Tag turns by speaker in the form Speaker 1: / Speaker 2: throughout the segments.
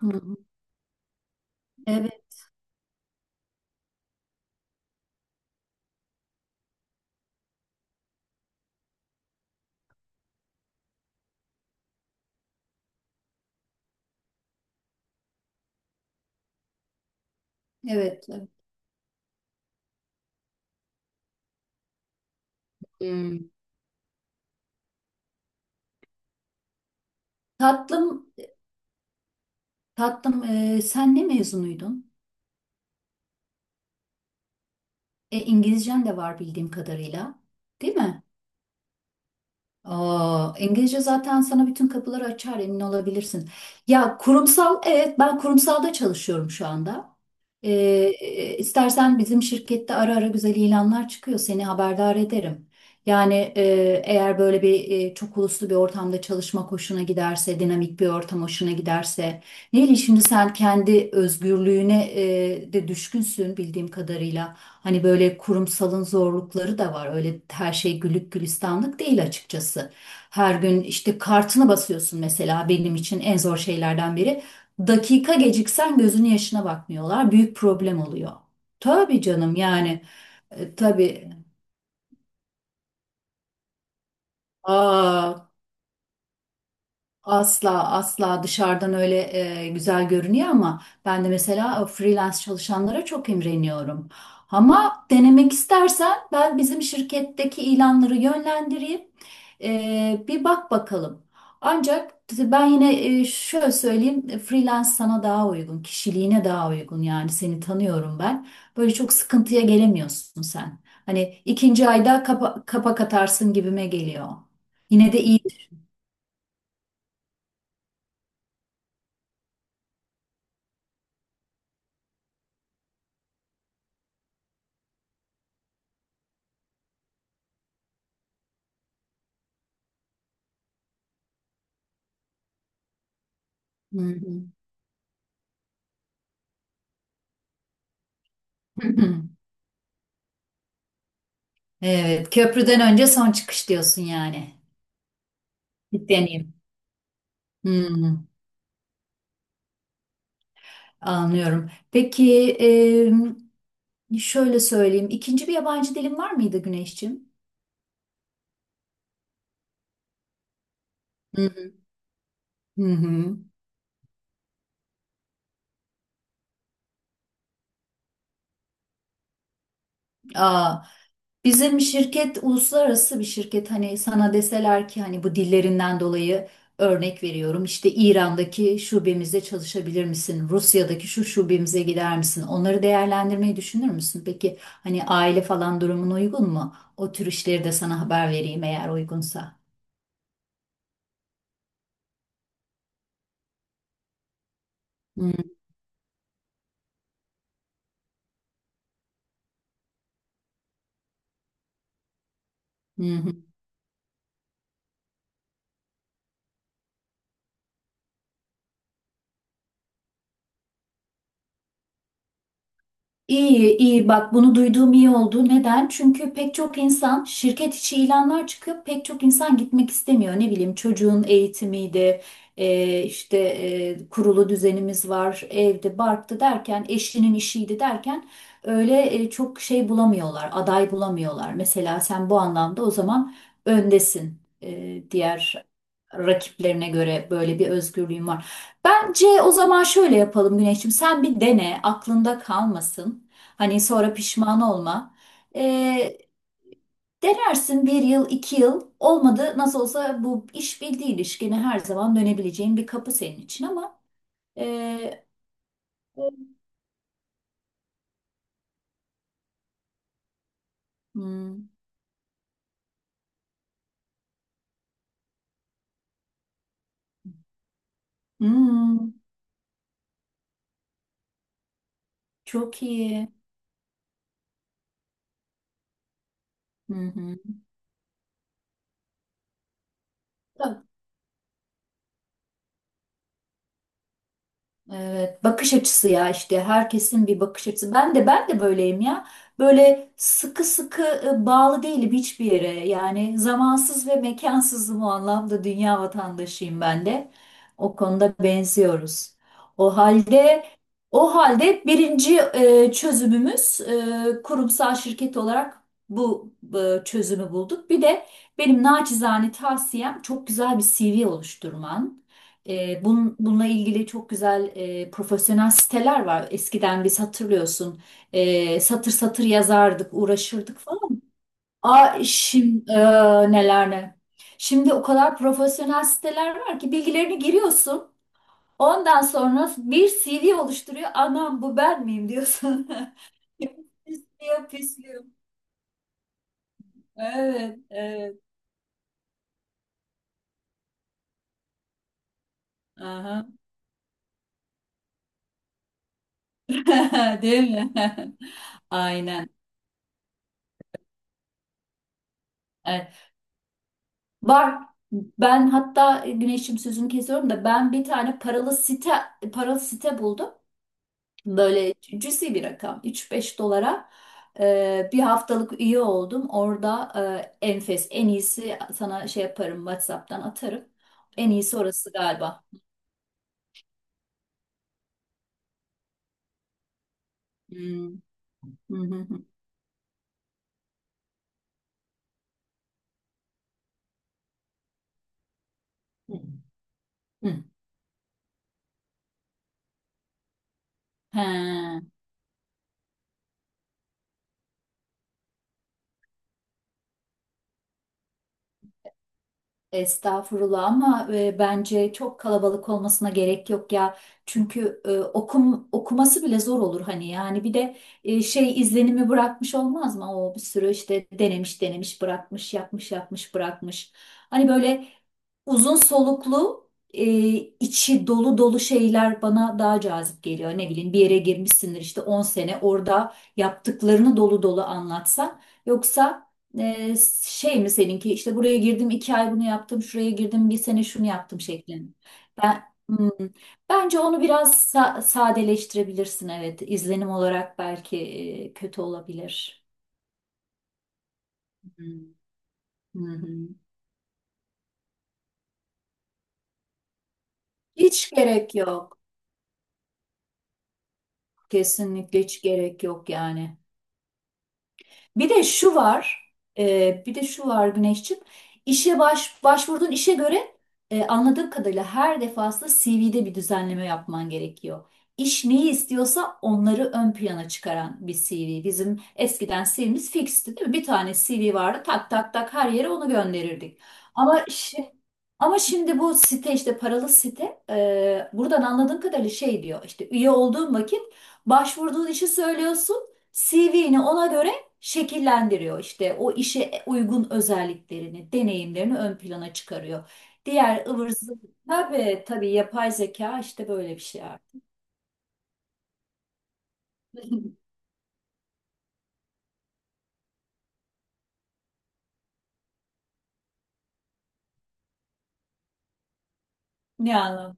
Speaker 1: Hı hı. Evet, evet. Evet. Hmm. Tatlım, tatlım sen ne mezunuydun? İngilizcen de var bildiğim kadarıyla. Değil mi? Aa, İngilizce zaten sana bütün kapıları açar emin olabilirsin. Ya kurumsal, evet ben kurumsalda çalışıyorum şu anda. Ee, e, istersen bizim şirkette ara ara güzel ilanlar çıkıyor. Seni haberdar ederim. Yani eğer böyle bir çok uluslu bir ortamda çalışmak hoşuna giderse, dinamik bir ortam hoşuna giderse. Neyli şimdi sen kendi özgürlüğüne de düşkünsün bildiğim kadarıyla. Hani böyle kurumsalın zorlukları da var. Öyle her şey güllük gülistanlık değil açıkçası. Her gün işte kartını basıyorsun mesela benim için en zor şeylerden biri. Dakika geciksen gözünün yaşına bakmıyorlar. Büyük problem oluyor. Tabii canım yani tabii. Aa, asla asla dışarıdan öyle güzel görünüyor ama ben de mesela freelance çalışanlara çok imreniyorum. Ama denemek istersen ben bizim şirketteki ilanları yönlendireyim. Bir bak bakalım. Ancak ben yine şöyle söyleyeyim freelance sana daha uygun, kişiliğine daha uygun yani seni tanıyorum ben. Böyle çok sıkıntıya gelemiyorsun sen. Hani ikinci ayda kapak atarsın gibime geliyor. Yine de iyi. Hı hı. Evet, köprüden önce son çıkış diyorsun yani. Deneyim. Hmm, Anlıyorum. Peki şöyle söyleyeyim. İkinci bir yabancı dilin var mıydı Güneşciğim? Hı hı. Hı. Aa, bizim şirket uluslararası bir şirket. Hani sana deseler ki hani bu dillerinden dolayı örnek veriyorum. İşte İran'daki şubemizde çalışabilir misin? Rusya'daki şu şubemize gider misin? Onları değerlendirmeyi düşünür müsün? Peki hani aile falan durumun uygun mu? O tür işleri de sana haber vereyim eğer uygunsa. Hı hı. İyi, iyi. Bak bunu duyduğum iyi oldu. Neden? Çünkü pek çok insan şirket içi ilanlar çıkıyor. Pek çok insan gitmek istemiyor. Ne bileyim çocuğun eğitimiydi, işte kurulu düzenimiz var, evde, barktı derken, eşinin işiydi derken öyle çok şey bulamıyorlar, aday bulamıyorlar. Mesela sen bu anlamda o zaman öndesin. Diğer rakiplerine göre böyle bir özgürlüğün var. Bence o zaman şöyle yapalım Güneş'im. Sen bir dene, aklında kalmasın. Hani sonra pişman olma. Ee, Denersin bir yıl, iki yıl. Olmadı nasıl olsa bu iş bildiği ilişkine her zaman dönebileceğin bir kapı senin için ama e, hmm, hmm, çok iyi. Hı hı. Evet, bakış açısı ya işte herkesin bir bakış açısı. Ben de ben de böyleyim ya. Böyle sıkı sıkı bağlı değilim hiçbir yere. Yani zamansız ve mekansızım o anlamda dünya vatandaşıyım ben de. O konuda benziyoruz. O halde birinci çözümümüz kurumsal şirket olarak bu çözümü bulduk. Bir de benim naçizane tavsiyem çok güzel bir CV oluşturman. Bununla ilgili çok güzel profesyonel siteler var. Eskiden biz hatırlıyorsun satır satır yazardık, uğraşırdık falan. Aa şimdi neler ne. Şimdi o kadar profesyonel siteler var ki bilgilerini giriyorsun. Ondan sonra bir CV oluşturuyor. Anam bu ben miyim diyorsun. Pisliyor, pisliyor. Evet, evet. Aha. Değil mi? Aynen. Evet. Var. Ben hatta Güneş'im sözünü kesiyorum da ben bir tane paralı site buldum. Böyle cüzi bir rakam. Üç beş dolara bir haftalık üye oldum. Orada enfes en iyisi sana şey yaparım WhatsApp'tan atarım. En iyisi orası galiba. Hmm. Hı hı hı. Hı. He. Estağfurullah ama bence çok kalabalık olmasına gerek yok ya. Çünkü okuması bile zor olur hani yani bir de şey izlenimi bırakmış olmaz mı? O bir sürü işte denemiş denemiş bırakmış yapmış yapmış bırakmış. Hani böyle uzun soluklu e, içi dolu dolu şeyler bana daha cazip geliyor. Ne bileyim bir yere girmişsindir işte 10 sene orada yaptıklarını dolu dolu anlatsan yoksa e, şey mi seninki işte buraya girdim 2 ay bunu yaptım şuraya girdim bir sene şunu yaptım şeklinde. Ben hmm, bence onu biraz sadeleştirebilirsin evet izlenim olarak belki kötü olabilir. Hmm. Hı hı. Hiç gerek yok kesinlikle hiç gerek yok yani. Bir de şu var, bir de şu var Güneşciğim. İşe başvurduğun işe göre anladığım kadarıyla her defasında CV'de bir düzenleme yapman gerekiyor. İş neyi istiyorsa onları ön plana çıkaran bir CV. Bizim eskiden CV'miz fixti değil mi? Bir tane CV vardı tak tak tak her yere onu gönderirdik. Ama şimdi, ama şimdi bu site işte paralı site buradan anladığım kadarıyla şey diyor işte üye olduğun vakit başvurduğun işi söylüyorsun CV'ni ona göre şekillendiriyor işte o işe uygun özelliklerini, deneyimlerini ön plana çıkarıyor. Diğer ıvır zıvır tabii tabii yapay zeka işte böyle bir şey artık. Ne anlam?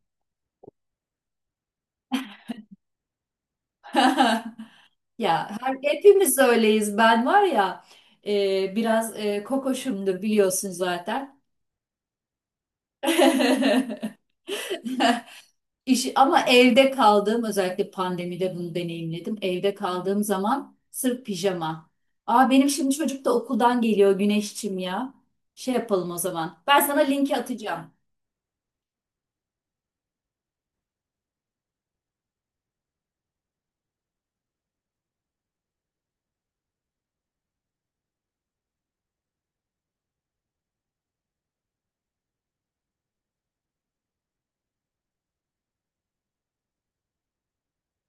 Speaker 1: Ya hepimiz öyleyiz. Ben var ya biraz kokoşumdur biliyorsun zaten. Ama evde kaldığım özellikle pandemide bunu deneyimledim. Evde kaldığım zaman sırf pijama. Aa benim şimdi çocuk da okuldan geliyor Güneşçim ya. Şey yapalım o zaman. Ben sana linki atacağım.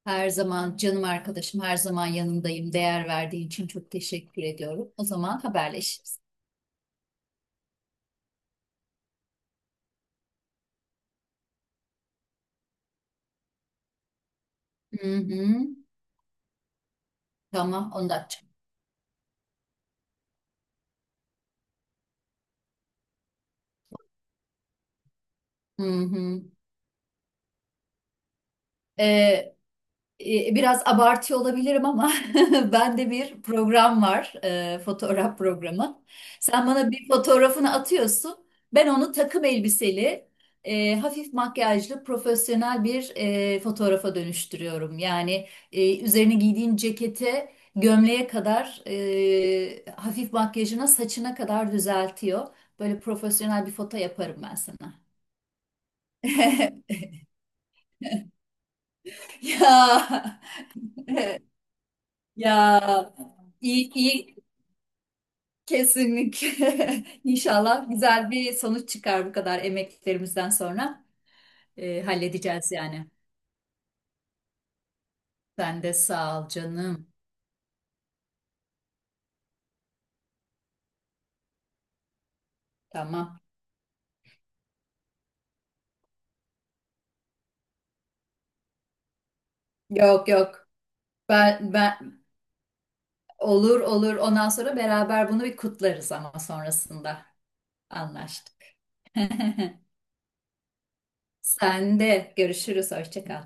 Speaker 1: Her zaman canım arkadaşım, her zaman yanındayım. Değer verdiğin için çok teşekkür ediyorum. O zaman haberleşiriz. Hı hı. Tamam, 10 dakika. Hı hı. Ee, Biraz abartıyor olabilirim ama bende bir program var, fotoğraf programı. Sen bana bir fotoğrafını atıyorsun, ben onu takım elbiseli, hafif makyajlı, profesyonel bir fotoğrafa dönüştürüyorum. Yani üzerine giydiğin cekete, gömleğe kadar, hafif makyajına, saçına kadar düzeltiyor. Böyle profesyonel bir foto yaparım ben sana. Ya, ya. İyi, iyi. Kesinlikle. İnşallah güzel bir sonuç çıkar bu kadar emeklerimizden sonra. Halledeceğiz yani. Sen de sağ ol canım. Tamam. Yok yok. Ben olur olur. Ondan sonra beraber bunu bir kutlarız ama sonrasında anlaştık. Sen de görüşürüz. Hoşça kal.